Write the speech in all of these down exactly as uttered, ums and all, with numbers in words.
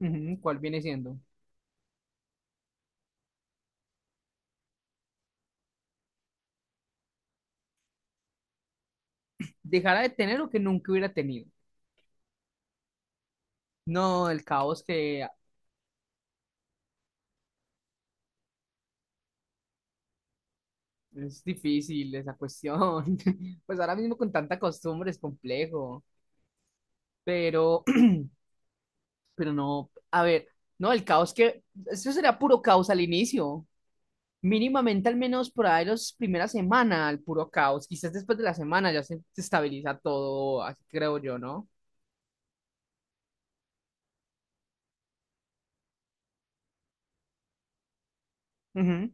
Ujú, ¿cuál viene siendo? Dejará de tener lo que nunca hubiera tenido. No, el caos. Que es difícil esa cuestión. Pues ahora mismo con tanta costumbre es complejo. Pero, pero no, a ver, no, el caos, que, eso será puro caos al inicio. Mínimamente al menos por ahí las primeras semanas, el puro caos. Quizás después de la semana ya se se estabiliza todo, así creo yo, ¿no? Ujú.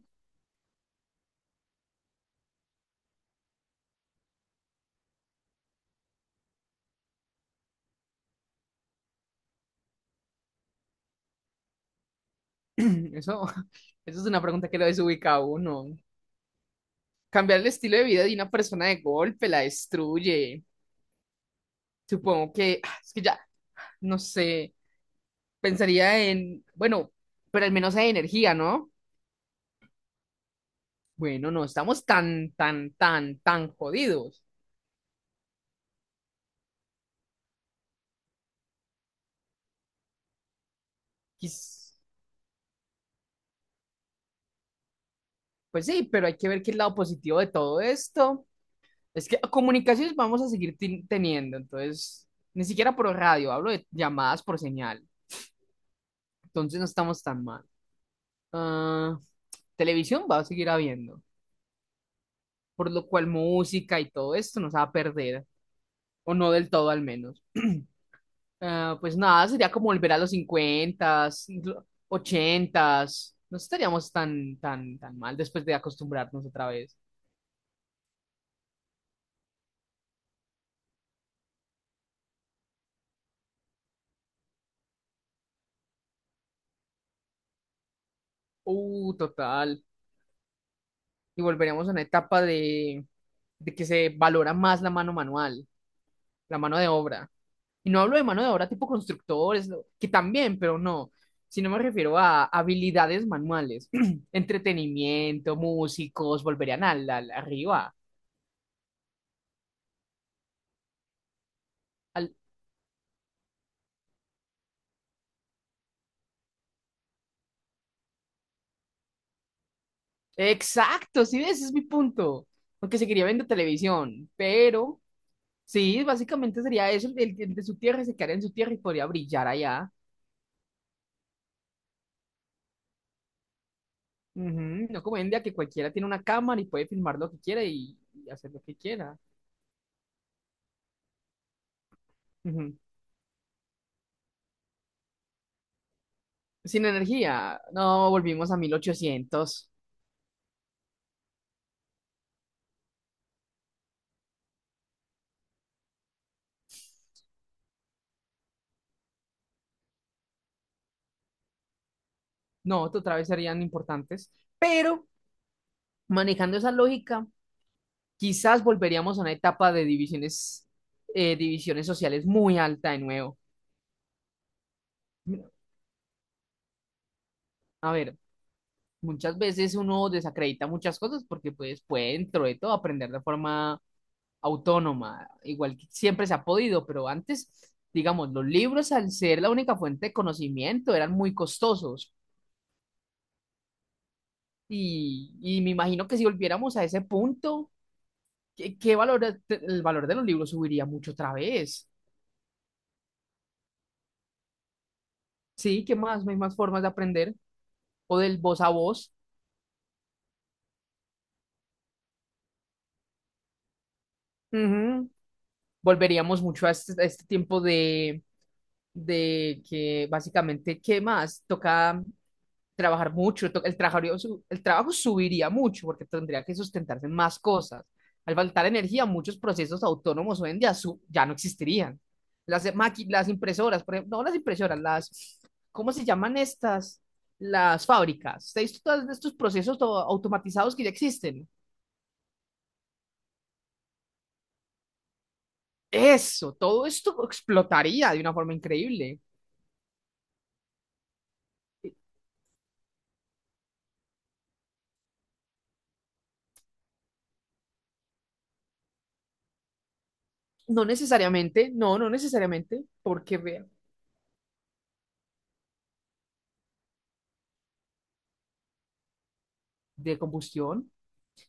Eso, eso es una pregunta que lo desubica a uno. Cambiar el estilo de vida de una persona de golpe la destruye. Supongo que, ah, es que ya, no sé, pensaría en, bueno, pero al menos hay energía, ¿no? Bueno, no estamos tan, tan, tan, tan jodidos. Quiz- Pues sí, pero hay que ver qué es el lado positivo de todo esto. Es que comunicaciones vamos a seguir tin- teniendo, entonces, ni siquiera por radio, hablo de llamadas por señal. Entonces no estamos tan mal. Ah, Televisión va a seguir habiendo, por lo cual música y todo esto nos va a perder, o no del todo al menos. Ah, pues nada, sería como volver a los cincuentas. No estaríamos tan, tan, tan mal después de acostumbrarnos otra vez. Uh, total. Y volveremos a una etapa de, de que se valora más la mano manual, la mano de obra. Y no hablo de mano de obra tipo constructores, no, que también, pero no, sino me refiero a habilidades manuales, entretenimiento, músicos, volverían al, al- arriba. al- Exacto, sí, ese es mi punto. Aunque seguiría viendo televisión, pero sí, básicamente sería eso, el, el de su tierra se quedaría en su tierra y podría brillar allá. Ujú, no como hoy en día que cualquiera tiene una cámara y puede filmar lo que quiera y, y hacer lo que quiera. Ujú. Sin energía, no volvimos a mil ochocientos. No, otra vez serían importantes. Pero manejando esa lógica, quizás volveríamos a una etapa de divisiones, eh, divisiones sociales muy alta de nuevo. A ver, muchas veces uno desacredita muchas cosas porque pues puede dentro de todo aprender de forma autónoma, igual que siempre se ha podido, pero antes, digamos, los libros al ser la única fuente de conocimiento eran muy costosos y, y me imagino que si volviéramos a ese punto, ¿qué, qué valor, el valor de los libros subiría mucho otra vez? Sí, ¿qué más? No hay más formas de aprender o del voz a voz. Ujú. Volveríamos mucho a este, a este tiempo de, de que básicamente, ¿qué más? Toca trabajar mucho, to- el trabajo, el trabajo subiría mucho porque tendría que sustentarse en más cosas. Al faltar energía, muchos procesos autónomos hoy en día su- ya no existirían. Las, maqui- las impresoras, por ejemplo, no las impresoras, las, ¿cómo se llaman estas? Las fábricas. ¿Ustedes visto todos estos procesos to- automatizados que ya existen? Eso, todo esto explotaría de una forma increíble. No necesariamente, no, no necesariamente, porque vea, de combustión.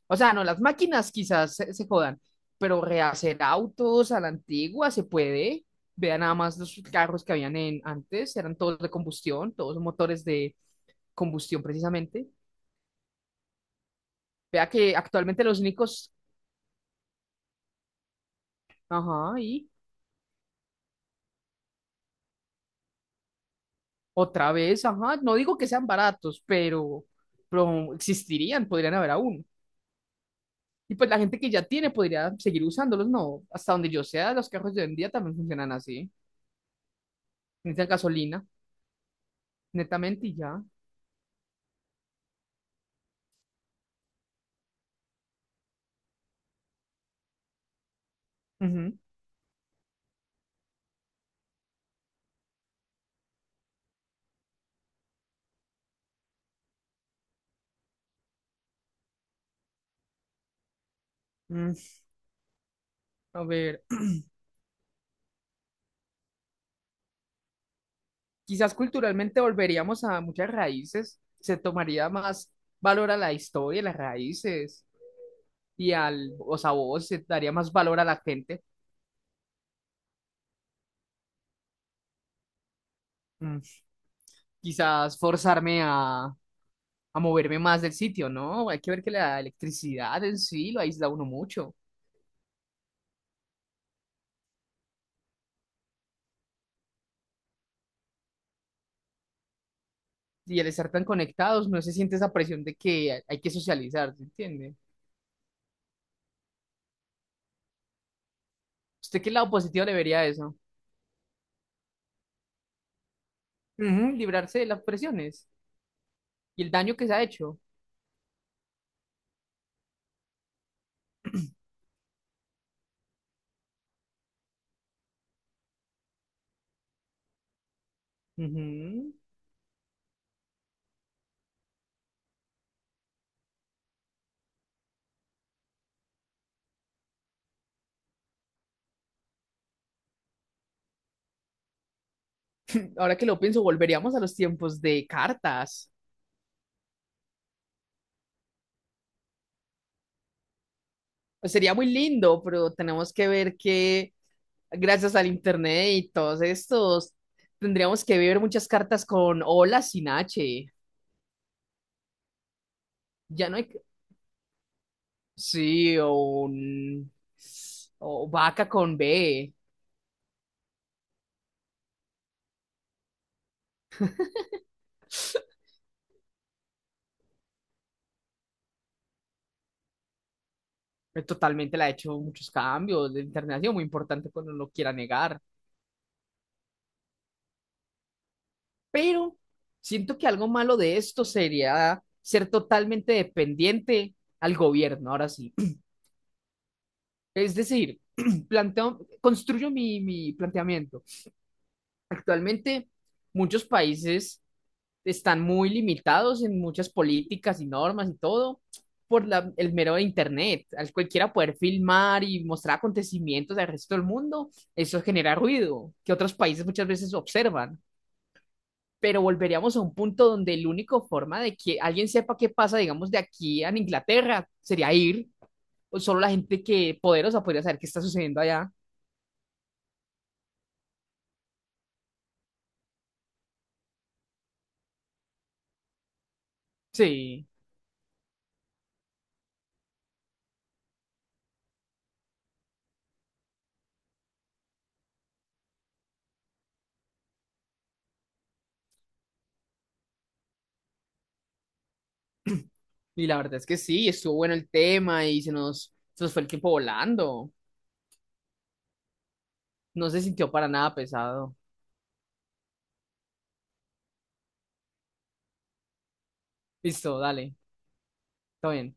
O sea, no, las máquinas quizás se, se jodan, pero rehacer autos a la antigua se puede. Vean nada más los carros que habían en, antes, eran todos de combustión, todos motores de combustión precisamente. Vea que actualmente los únicos, ajá, y otra vez, ajá, no digo que sean baratos, pero, pero existirían, podrían haber aún. Y pues la gente que ya tiene podría seguir usándolos, no. Hasta donde yo sea, los carros de hoy en día también funcionan así. Necesitan gasolina, netamente, y ya. Ujú. A ver, quizás culturalmente volveríamos a muchas raíces, se tomaría más valor a la historia, las raíces y al, o sea, vos se daría más valor a la gente. Mm, Quizás forzarme a, a moverme más del sitio, ¿no? Hay que ver que la electricidad en sí lo aísla a uno mucho. Y al estar tan conectados, no se siente esa presión de que hay que socializar, ¿se entiende? ¿Usted qué lado positivo le vería a eso? Ujú, librarse de las presiones y el daño que se ha hecho. Ujú. Ahora que lo pienso, volveríamos a los tiempos de cartas. Pues sería muy lindo, pero tenemos que ver que gracias al internet y todos estos, tendríamos que ver muchas cartas con hola sin H. Ya no hay... que- Sí, o un- o vaca con B. Totalmente le ha hecho muchos cambios. El internet ha sido muy importante cuando no lo quiera negar, pero siento que algo malo de esto sería ser totalmente dependiente al gobierno, ahora sí. Es decir, planteo, construyo mi, mi planteamiento. Actualmente, muchos países están muy limitados en muchas políticas y normas y todo por la- el mero de internet. Al cualquiera poder filmar y mostrar acontecimientos del resto del mundo, eso genera ruido que otros países muchas veces observan, pero volveríamos a un punto donde la única forma de que alguien sepa qué pasa, digamos, de aquí a Inglaterra sería ir. O solo la gente que poderosa podría saber qué está sucediendo allá. Sí, y la verdad es que sí, estuvo bueno el tema y se nos, se nos fue el tiempo volando. No se sintió para nada pesado. Listo, dale, está bien.